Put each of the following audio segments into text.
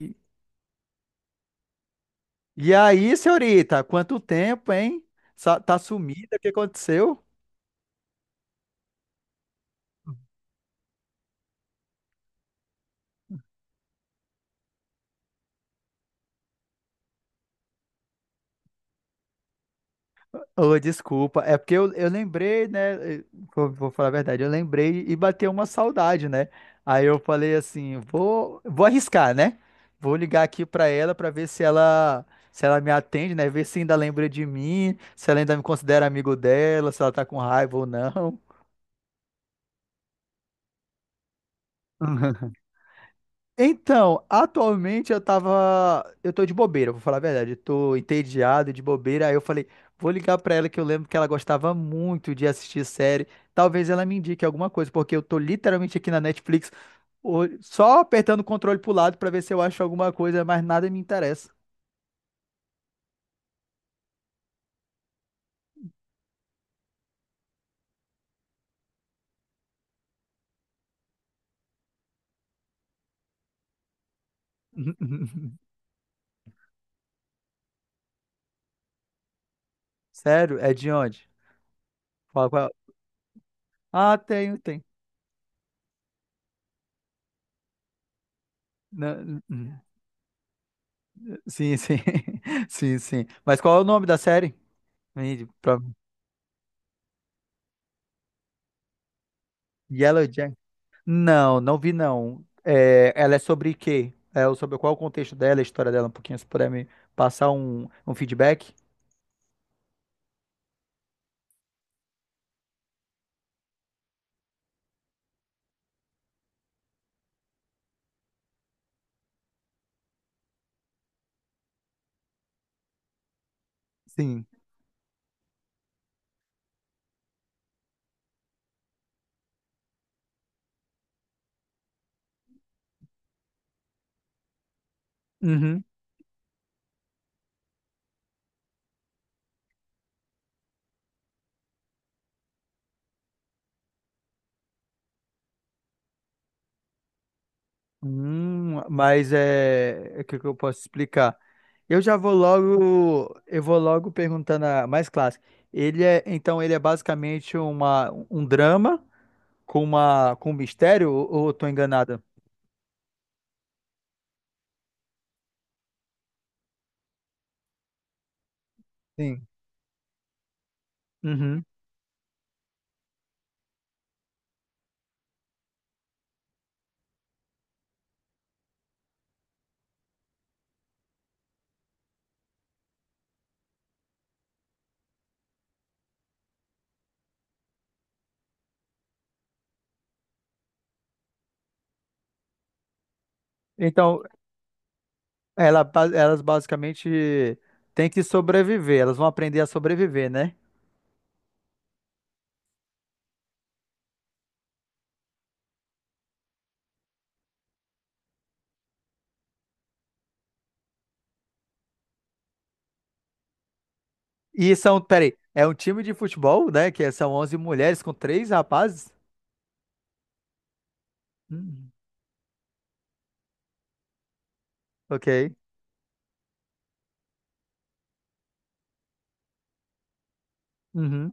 E e aí, senhorita, quanto tempo, hein? Tá sumida, o que aconteceu? Ô, desculpa, é porque eu lembrei, né? Vou falar a verdade, eu lembrei e bateu uma saudade, né? Aí eu falei assim, vou arriscar, né? Vou ligar aqui pra ela pra ver se ela se ela me atende, né? Ver se ainda lembra de mim, se ela ainda me considera amigo dela, se ela tá com raiva ou não. Então, atualmente eu tava. Eu tô de bobeira, vou falar a verdade. Eu tô entediado de bobeira. Aí eu falei, vou ligar pra ela que eu lembro que ela gostava muito de assistir série. Talvez ela me indique alguma coisa, porque eu tô literalmente aqui na Netflix só apertando o controle pro lado pra ver se eu acho alguma coisa, mas nada me interessa. Sério? É de onde? Fala qual. Ah, tenho, tem. Não- Sim, sim. Sim, sim. Mas qual é o nome da série? Me- pra- Yellow. Não, não vi não. É, ela é sobre quê? Sobre qual o contexto dela, a história dela, um pouquinho, se puder me passar um feedback? Sim. Uhum. Mas é, o que que eu posso explicar? Eu já vou logo, eu vou logo perguntando a mais clássica. Então ele é basicamente um drama com uma com um mistério ou eu tô enganada? Sim. Uhum. Então, Ela, elas basicamente têm que sobreviver, elas vão aprender a sobreviver, né? E são, peraí, é um time de futebol, né? Que é, são 11 mulheres com três rapazes? Hum, ok. Uhum,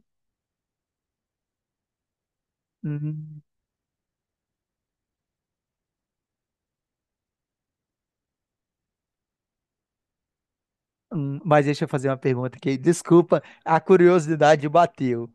uhum, uhum. Mas deixa eu fazer uma pergunta aqui. Desculpa, a curiosidade bateu.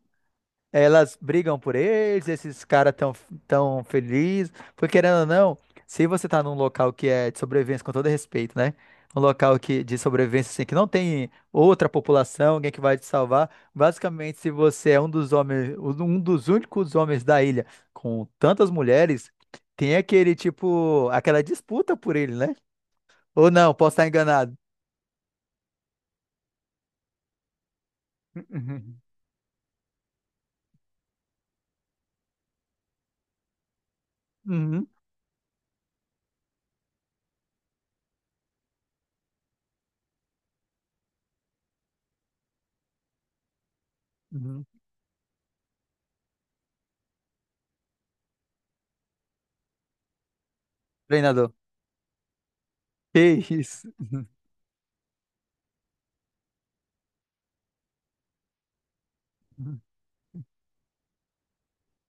Elas brigam por eles, esses caras tão, tão felizes. Porque, querendo ou não, se você tá num local que é de sobrevivência, com todo respeito, né? Um local que, de sobrevivência, assim, que não tem outra população, alguém que vai te salvar. Basicamente, se você é um dos homens, um dos únicos homens da ilha com tantas mulheres, tem aquele, tipo, aquela disputa por ele, né? Ou não, posso estar enganado. Uhum, uhum, uhum. Treinador. Que isso?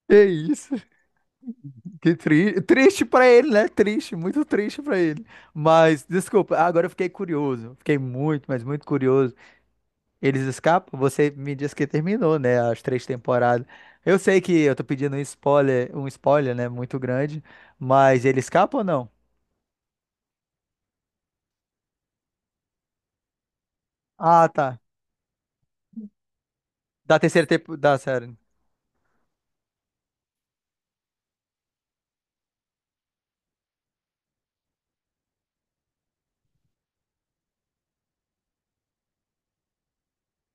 Que isso? Que tri... triste pra ele, né? Triste, muito triste pra ele. Mas, desculpa, agora eu fiquei curioso. Fiquei muito, mas muito curioso. Eles escapam? Você me disse que terminou, né? As três temporadas. Eu sei que eu tô pedindo um spoiler, né? Muito grande. Mas ele escapa ou não? Ah, tá. Da terceira temporada, da série.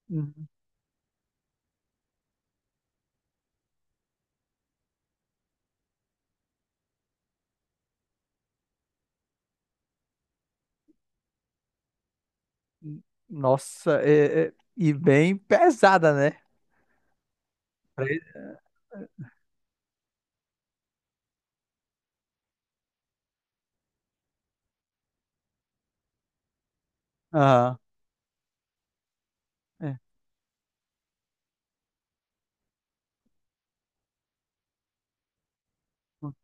Uhum. Nossa, e bem pesada, né? Pra ele. Aham. É.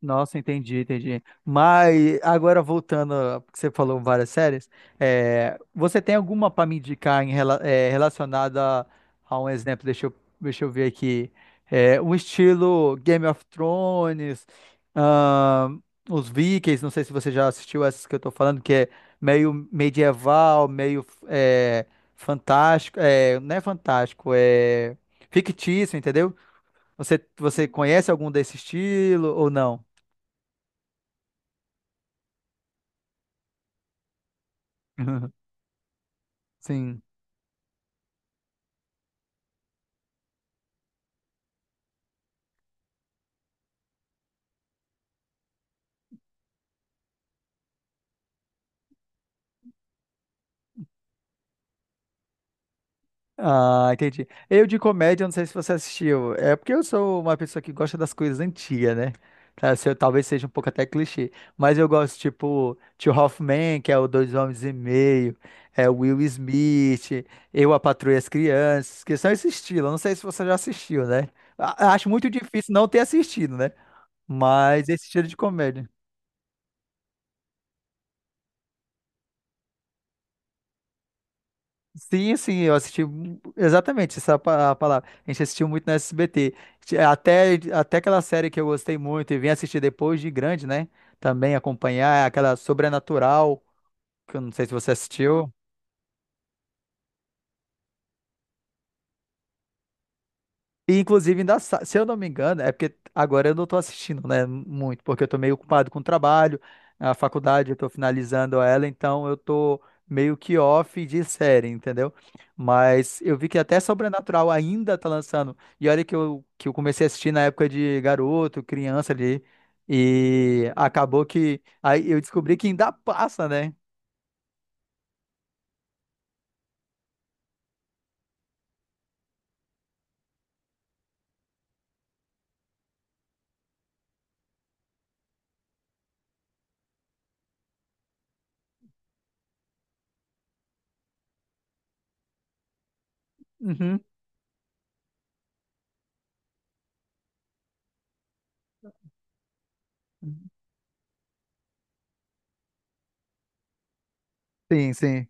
Nossa, entendi, entendi. Mas agora voltando ao que você falou várias séries, é, você tem alguma para me indicar em, relacionada a, um exemplo? Deixa eu ver aqui. É, um estilo Game of Thrones, ahn, os Vikings, não sei se você já assistiu essas que eu tô falando, que é meio medieval, fantástico, é, não é fantástico, é fictício, entendeu? Você conhece algum desse estilo ou não? Sim. Ah, entendi. Eu de comédia, não sei se você assistiu. É porque eu sou uma pessoa que gosta das coisas antigas, né? Tá, se eu- talvez seja um pouco até clichê. Mas eu gosto, tipo, Tio Hoffman, que é o Dois Homens e Meio, é o Will Smith, eu, a Patroa e as Crianças, que são esse estilo. Eu não sei se você já assistiu, né? Acho muito difícil não ter assistido, né? Mas esse estilo de comédia. Sim, sim, eu assisti a palavra. A gente assistiu muito na SBT. Até, até aquela série que eu gostei muito e vim assistir depois de grande, né? Também acompanhar é aquela Sobrenatural, que eu não sei se você assistiu. E, inclusive, ainda, se eu não me engano, é porque agora eu não estou assistindo, né, muito, porque eu estou meio ocupado com o trabalho, a faculdade, eu estou finalizando ela, então eu estou meio que off de série, entendeu? Mas eu vi que até Sobrenatural ainda tá lançando, e olha que eu comecei a assistir na época de garoto, criança ali, e acabou que, aí eu descobri que ainda passa, né? Uhum. Sim, sim.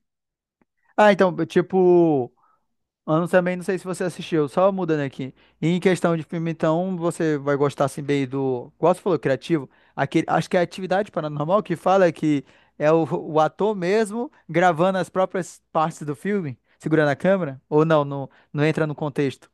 Ah, então, tipo, ano também, não sei se você assistiu, só mudando aqui. E em questão de filme, então, você vai gostar assim bem do. Igual você falou, criativo. Aquele, acho que é Atividade Paranormal que fala que é o ator mesmo gravando as próprias partes do filme, segurando a câmera. Ou não, não, não entra no contexto.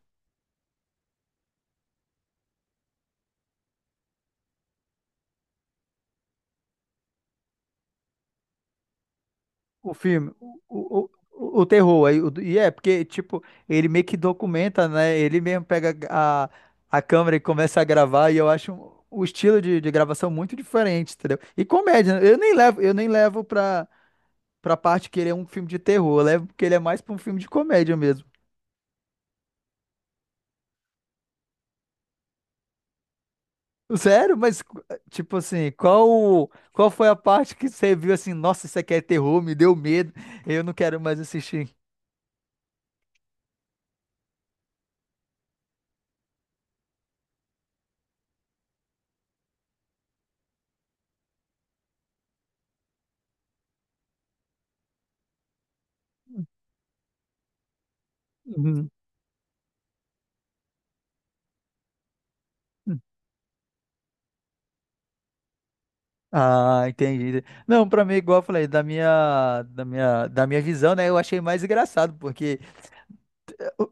O filme, o terror, aí, o- E é, porque, tipo, ele meio que documenta, né? Ele mesmo pega a câmera e começa a gravar, e eu acho o estilo de gravação muito diferente, entendeu? E comédia, né? Eu nem levo pra, pra parte que ele é um filme de terror, eu levo porque ele é mais pra um filme de comédia mesmo. Sério? Mas, tipo assim, qual foi a parte que você viu assim, nossa, isso aqui é terror, me deu medo, eu não quero mais assistir. Uhum. Ah, entendi. Não, pra mim, igual eu falei, da minha visão, né? Eu achei mais engraçado, porque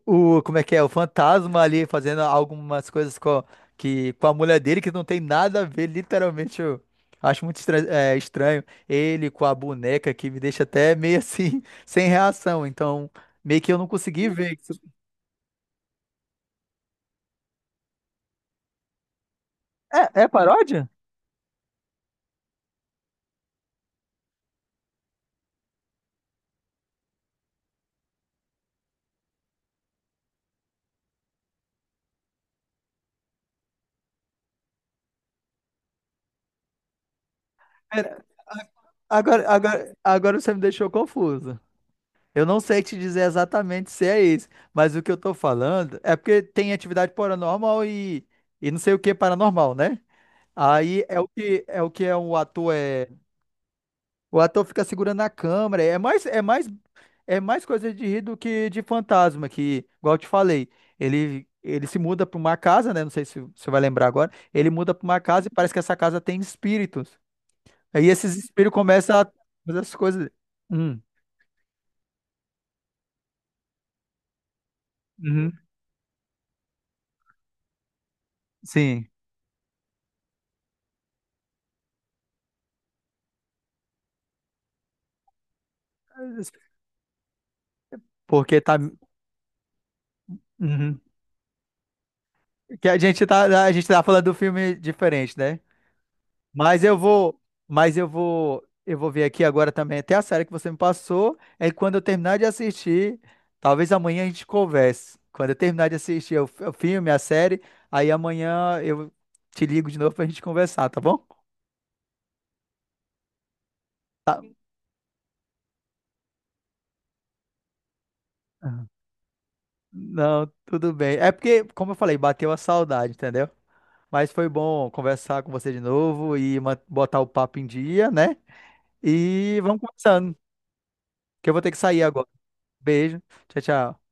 o, como é que é? O fantasma ali fazendo algumas coisas com, que, com a mulher dele que não tem nada a ver, literalmente. Eu acho muito estranho. Ele com a boneca que me deixa até meio assim, sem reação. Então, meio que eu não consegui ver isso. É, é paródia? Pera, agora você me deixou confuso. Eu não sei te dizer exatamente se é esse, mas o que eu tô falando é porque tem atividade paranormal e não sei o que é paranormal, né? Aí é o que é o que é, o ator fica segurando a câmera, é mais coisa de rir do que de fantasma, que igual eu te falei, ele se muda para uma casa, né? Não sei se você vai lembrar agora. Ele muda para uma casa e parece que essa casa tem espíritos. Aí esses espíritos começam a fazer as coisas. Hum, uhum, sim. Porque tá. Uhum. Que a gente tá falando do filme diferente, né? Mas eu vou, mas eu vou ver aqui agora também até a série que você me passou. É quando eu terminar de assistir, talvez amanhã a gente converse. Quando eu terminar de assistir o filme, a série, aí amanhã eu te ligo de novo pra gente conversar, tá bom? Aham. Não, tudo bem. É porque, como eu falei, bateu a saudade, entendeu? Mas foi bom conversar com você de novo e botar o papo em dia, né? E vamos conversando. Que eu vou ter que sair agora. Beijo. Tchau, tchau.